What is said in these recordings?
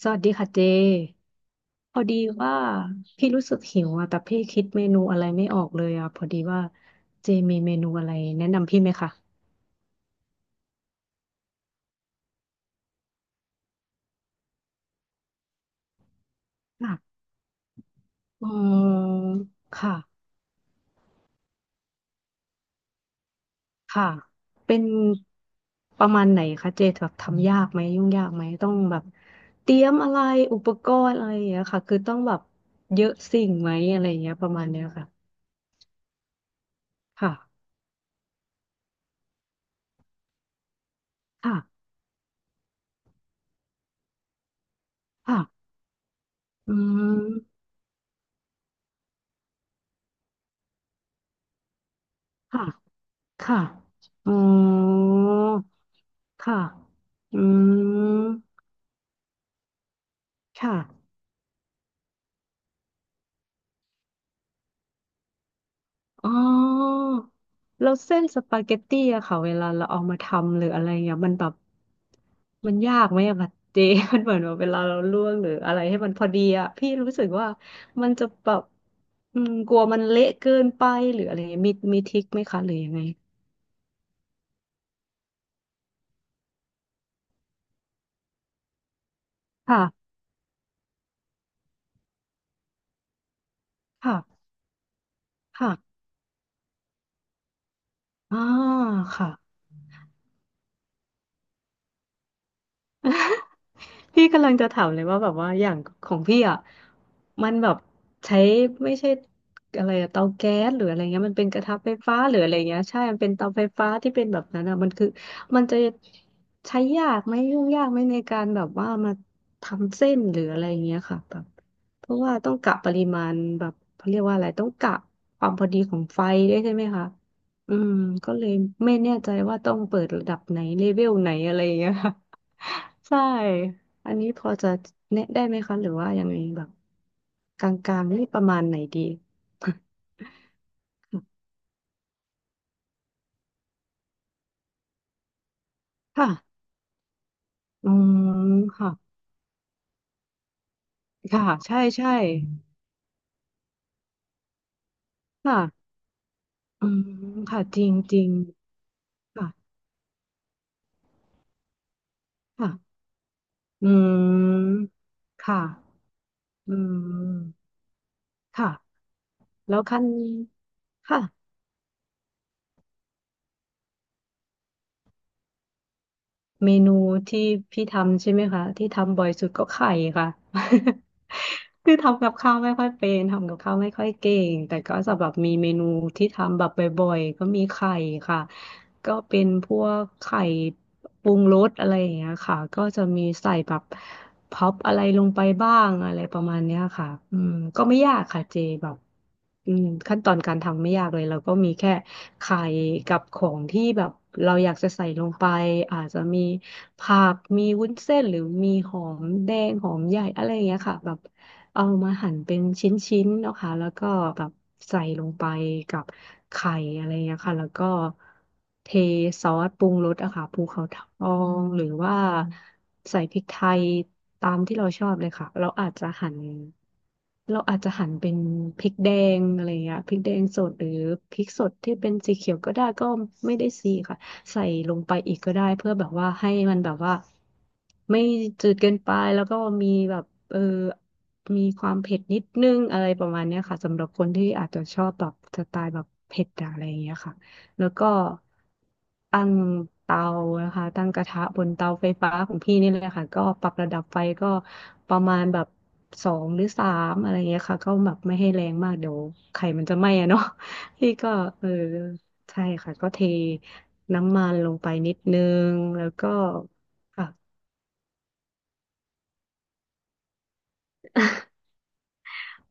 สวัสดีค่ะเจ พอดีว่าพี่รู้สึกหิวอ่ะแต่พี่คิดเมนูอะไรไม่ออกเลยอ่ะพอดีว่าเจมีเมนูอะไรแนะนำพี่ไหมคะค่ะอืมค่ะค่ะเป็นประมาณไหนคะเจแบบทำยากไหมยุ่งยากไหมต้องแบบเตรียมอะไรอุปกรณ์อะไรอย่างเงี้ยค่ะคือต้องแบบเยอะสิ่งไหมอะไรอย่างเงี้ยประมาณเนี้ยค่ะค่ะค่ะค่ะอืมค่ะค่ะอ๋อ ค่ะ อืมค่ะอ๋อแล้วเส้นสปาเกตตี้อะค่ะ เวลาเราเอามาทำหรืออะไรเงี้ยมันแบบมันยากไหมอะแบบเจ มันเหมือนว่าเวลาเราลวกหรืออะไรให้มันพอดีอะพี่รู้สึกว่ามันจะแบบอืมกลัวมันเละเกินไปหรืออะไรเงี้ยมีทริคไหมคะหรือยังไงค่ะค่ะค่ะอ่าค่ะ พี่กำลังจะถามเลยว่าแบบว่าอย่างของพี่อ่ะมันแบบใช้ไม่ใช่อะไรอะเตาแก๊สหรืออะไรเงี้ยมันเป็นกระทะไฟฟ้าหรืออะไรเงี้ยใช่มันเป็นเตาไฟฟ้าที่เป็นแบบนั้นอ่ะมันคือมันจะใช้ยากไหมยุ่งยากไหมในการแบบว่ามาทำเส้นหรืออะไรเงี้ยค่ะแบบเพราะว่าต้องกะปริมาณแบบเขาเรียกว่าอะไรต้องกะความพอดีของไฟด้วยใช่ไหมคะอืมก็เลยไม่แน่ใจว่าต้องเปิดระดับไหนเลเวลไหนอะไรเงี้ย ใช่ อันนี้พอจะแนะได้ไหมคะหรือว่ายังไงแบบกลางๆนี่ประมาณไหนดี ค่ะอืมค่ะค่ะใช่ใช่ค่ะอืมค่ะ จริงจริงค่ะค่ะอืมค่ะอืมค่ะ แล้วขั้นค่ะ เมนูที่พี่ทำใช่ไหมคะที่ทำบ่อยสุดก็ไข่ค่ะ คือทำกับข้าวไม่ค่อยเป็นทำกับข้าวไม่ค่อยเก่งแต่ก็จะแบบมีเมนูที่ทำแบบบ่อยๆก็มีไข่ค่ะก็เป็นพวกไข่ปรุงรสอะไรอย่างเงี้ยค่ะก็จะมีใส่แบบพร็อปอะไรลงไปบ้างอะไรประมาณเนี้ยค่ะอืมก็ไม่ยากค่ะเจแบบอืมขั้นตอนการทำไม่ยากเลยเราก็มีแค่ ไข่กับของที่แบบเราอยากจะใส่ลงไปอาจจะมีผักมีวุ้นเส้นหรือมีหอมแดงหอมใหญ่อะไรอย่างเงี้ยค่ะแบบ เอามาหั่นเป็นชิ้นๆนะคะแล้วก็แบบใส่ลงไปกับไข่อะไรอย่างเงี้ยค่ะแล้วก็เทซอสปรุงรสอะค่ะภูเขาทองหรือว่าใส่พริกไทยตามที่เราชอบเลยค่ะเราอาจจะหั่นเราอาจจะหั่นเป็นพริกแดงอะไรอย่างเงี้ยพริกแดงสดหรือพริกสดที่เป็นสีเขียวก็ได้ก็ไม่ได้สีค่ะ ใส่ลงไปอีกก็ได้เพื่อแบบว่าให้มันแบบว่าไม่จืดเกินไปแล้วก็มีแบบเออมีความเผ็ดนิดนึงอะไรประมาณเนี้ยค่ะสำหรับคนที่อาจจะชอบแบบสไตล์แบบเผ็ดอะอะไรอย่างเงี้ยค่ะแล้วก็ตั้งเตานะคะตั้งกระทะบนเตาไฟฟ้าของพี่นี่เลยค่ะก็ปรับระดับไฟก็ประมาณแบบสองหรือสามอะไรอย่างเงี้ยค่ะก็แบบไม่ให้แรงมากเดี๋ยวไข่มันจะไหม้อะเนาะพี่ก็เออ ใช่ค่ะก็เทน้ำมันลงไปนิดนึงแล้วก็ค่ะ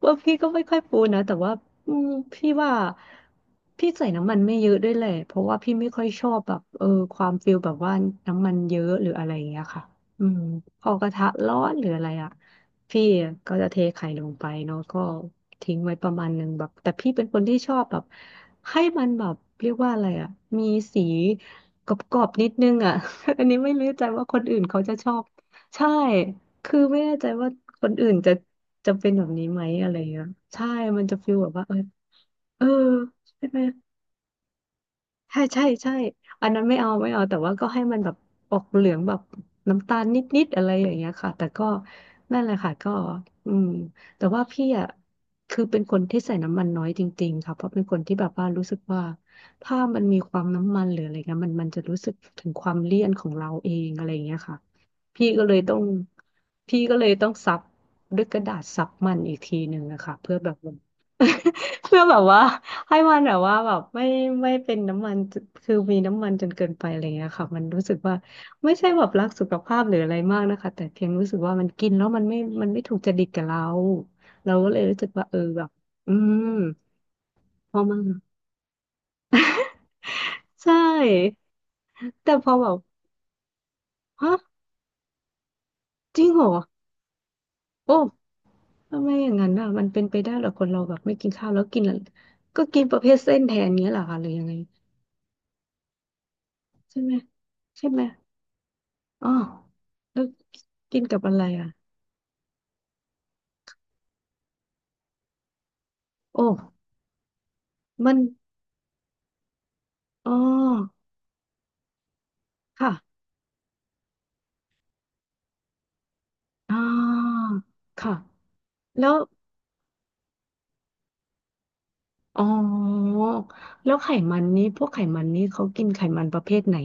ว่าพี่ก็ไม่ค่อยปูนะแต่ว่าอืมพี่ว่าพี่ใส่น้ำมันไม่เยอะด้วยแหละเพราะว่าพี่ไม่ค่อยชอบแบบความฟิลแบบว่าน้ำมันเยอะหรืออะไรอย่างเงี้ยค่ะอืมพอกระทะร้อนหรืออะไรอ่ะพี่ก็จะเทไข่ลงไปเนาะก็ทิ้งไว้ประมาณหนึ่งแบบแต่พี่เป็นคนที่ชอบแบบให้มันแบบเรียกว่าอะไรอ่ะมีสีกรอบๆนิดนึงอ่ะ อันนี้ไม่รู้ใจว่าคนอื่นเขาจะชอบใช่ คือไม่แน่ใจว่าคนอื่นจะเป็นแบบนี้ไหมอะไรเงี้ยใช่ มันจะฟีลแบบว่าเออเออใช่ไหม ใช่ใช่ใช่อันนั้นไม่เอาแต่ว่าก็ให้มันแบบออกเหลืองแบบน้ำตาลนิดๆอะไรอย่างเงี้ยค่ะแต่ก็นั่นแหละค่ะก็อืมแต่ว่าพี่อ่ะคือเป็นคนที่ใส่น้ำมันน้อยจริงๆค่ะเพราะเป็นคนที่แบบว่ารู้สึกว่าถ้ามันมีความน้ำมันหรืออะไรเงี้ยมันจะรู้สึกถึงความเลี่ยนของเราเองอะไรอย่างเงี้ยค่ะพี่ก็เลยต้องพี่ก็เลยต้องซับด้วยกระดาษซับมันอีกทีหนึ่งนะคะเพื่อแบบ เพื่อแบบว่าให้มันแบบว่าแบบไม่ไม่เป็นน้ำมันคือมีน้ำมันจนเกินไปอะไรเงี้ยค่ะมันรู้สึกว่าไม่ใช่แบบรักสุขภาพหรืออะไรมากนะคะแต่เพียงรู้สึกว่ามันกินแล้วมันไม่มันไม่ถูกจริตกับเราเราก็เลยรู้สึกว่าเออแบบอืมพอมันใช่แต่พอแบบฮะจริงเหรอโอ้ทำไมอย่างนั้นอ่ะมันเป็นไปได้เหรอคนเราแบบไม่กินข้าวแล้วกินอะไรก็กินประเภทเส้นแทนเงี้ยเหรอคะหรือยังไงใช่ไหมใช่ไหม อ๋อแล้วกินกับอะไรอ่ะโอ้มันอ๋อค่ะอ่าค่ะแล้วอ๋อแล้วไขมันนี้พวกไขมันนี้เขากินไขมันประเภทไหน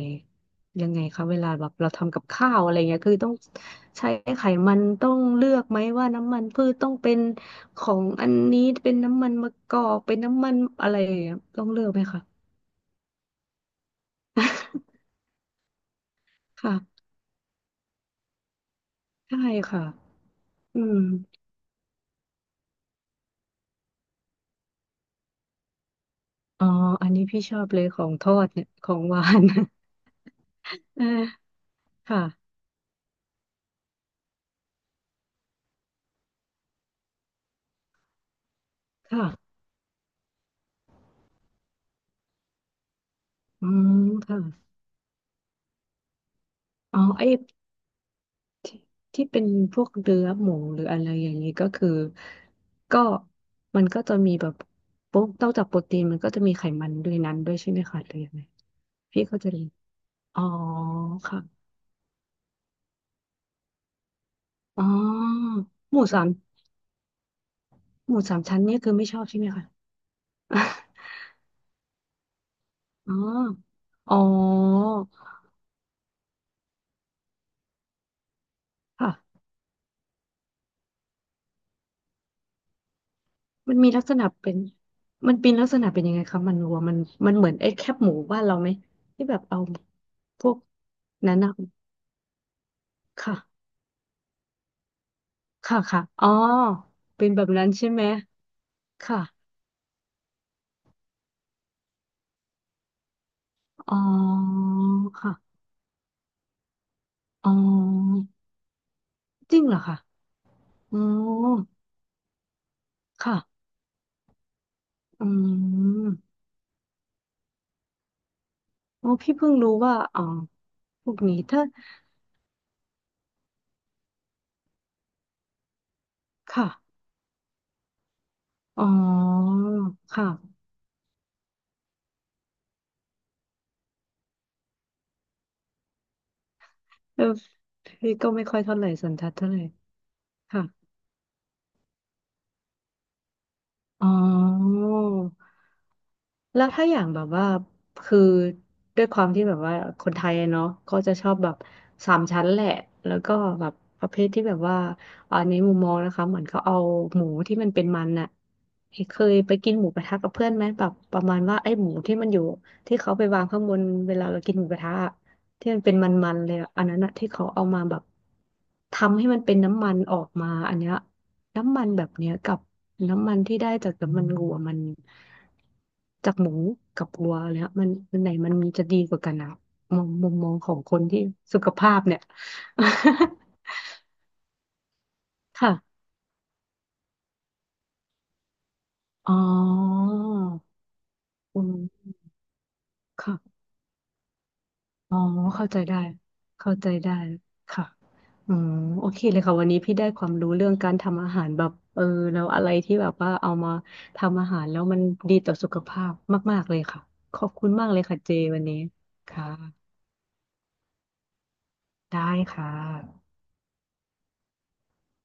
ยังไงคะเวลาแบบเราทำกับข้าวอะไรเงี้ยคือต้องใช้ไขมันต้องเลือกไหมว่าน้ำมันพืชต้องเป็นของอันนี้เป็นน้ำมันมะกอกเป็นน้ำมันอะไรอย่างเงี้ยต้องเลือกไหมคะ ค่ะ ใช่ค่ะอืม อ๋ออันนี้พี่ชอบเลยของทอดเนี่ยของหวาน เออค่ะค่ะอืมค่ะอ๋อไอ้ที่ที่เป็นพวกเนื้อหมูหรืออะไรอย่างนี้ก็คือก็มันก็จะมีแบบปุ๊บนอกจากโปรตีนมันก็จะมีไขมันด้วยนั้นด้วยใช่ไหมคะหรือยังไงพี่ก็จะเรียนอ๋อค่ะอ๋อหมูสามหมูสามชั้นเนี่ยคือไม่ชอบใช่ไหมคะ อ๋ออ๋อค่ะ มันมีลักษณะเป็นมันเป็นลักษณะเป็นยังไงคะมันวัวมันมันเหมือนไอ้แคบหมูบ้านเราไหมที่แบบเอาพวกนั้นนะค่ะค่ะค่ะอ๋อเป็นแบบนั้นใช่ไหมค่ะอ๋อค่ะอ๋อจริงเหรอคะอ๋อค่ะอืมอ๋อพี่เพิ่งรู้ว่าอ๋อพวกนี้ถ้าค่ะอ๋อค่ะเออพี่ก็ไม่ค่อยเท่าไหร่สันทัดเท่าไหร่ค่ะอ๋อ แล้วถ้าอย่างแบบว่าคือด้วยความที่แบบว่าคนไทยอะเนาะก็จะชอบแบบสามชั้นแหละแล้วก็แบบประเภทที่แบบว่าอันนี้มุมมองนะคะเหมือนเขาเอาหมูที่มันเป็นมันน่ะเคยไปกินหมูกระทะกับเพื่อนไหมแบบประมาณว่าไอ้หมูที่มันอยู่ที่เขาไปวางข้างบนเวลาเรากินหมูกระทะอะที่มันเป็นมันๆเลยอะอันนั้นอะที่เขาเอามาแบบทำให้มันเป็นน้ำมันออกมาอันเนี้ยน้ำมันแบบเนี้ยกับ น้ำมันที่ได้จากน้ำมันวัวมันจากหมูกับวัวแล้วมันมันไหนมันมีจะดีกว่ากันอะมองมุมมองของคนที่สุขภาพเนี่ย ค่ะอ๋ออืมค่ะอ๋อเข้าใจได้เข้าใจได้ค่ะอืมโอเคเลยค่ะวันนี้พี่ได้ความรู้เรื่องการทำอาหารแบบเออแล้วอะไรที่แบบว่าเอามาทำอาหารแล้วมันดีต่อสุขภาพมากๆเลยค่ะขอบคุณมากเลยค่ะเจวันนี้ค่ะ ได้ค่ะ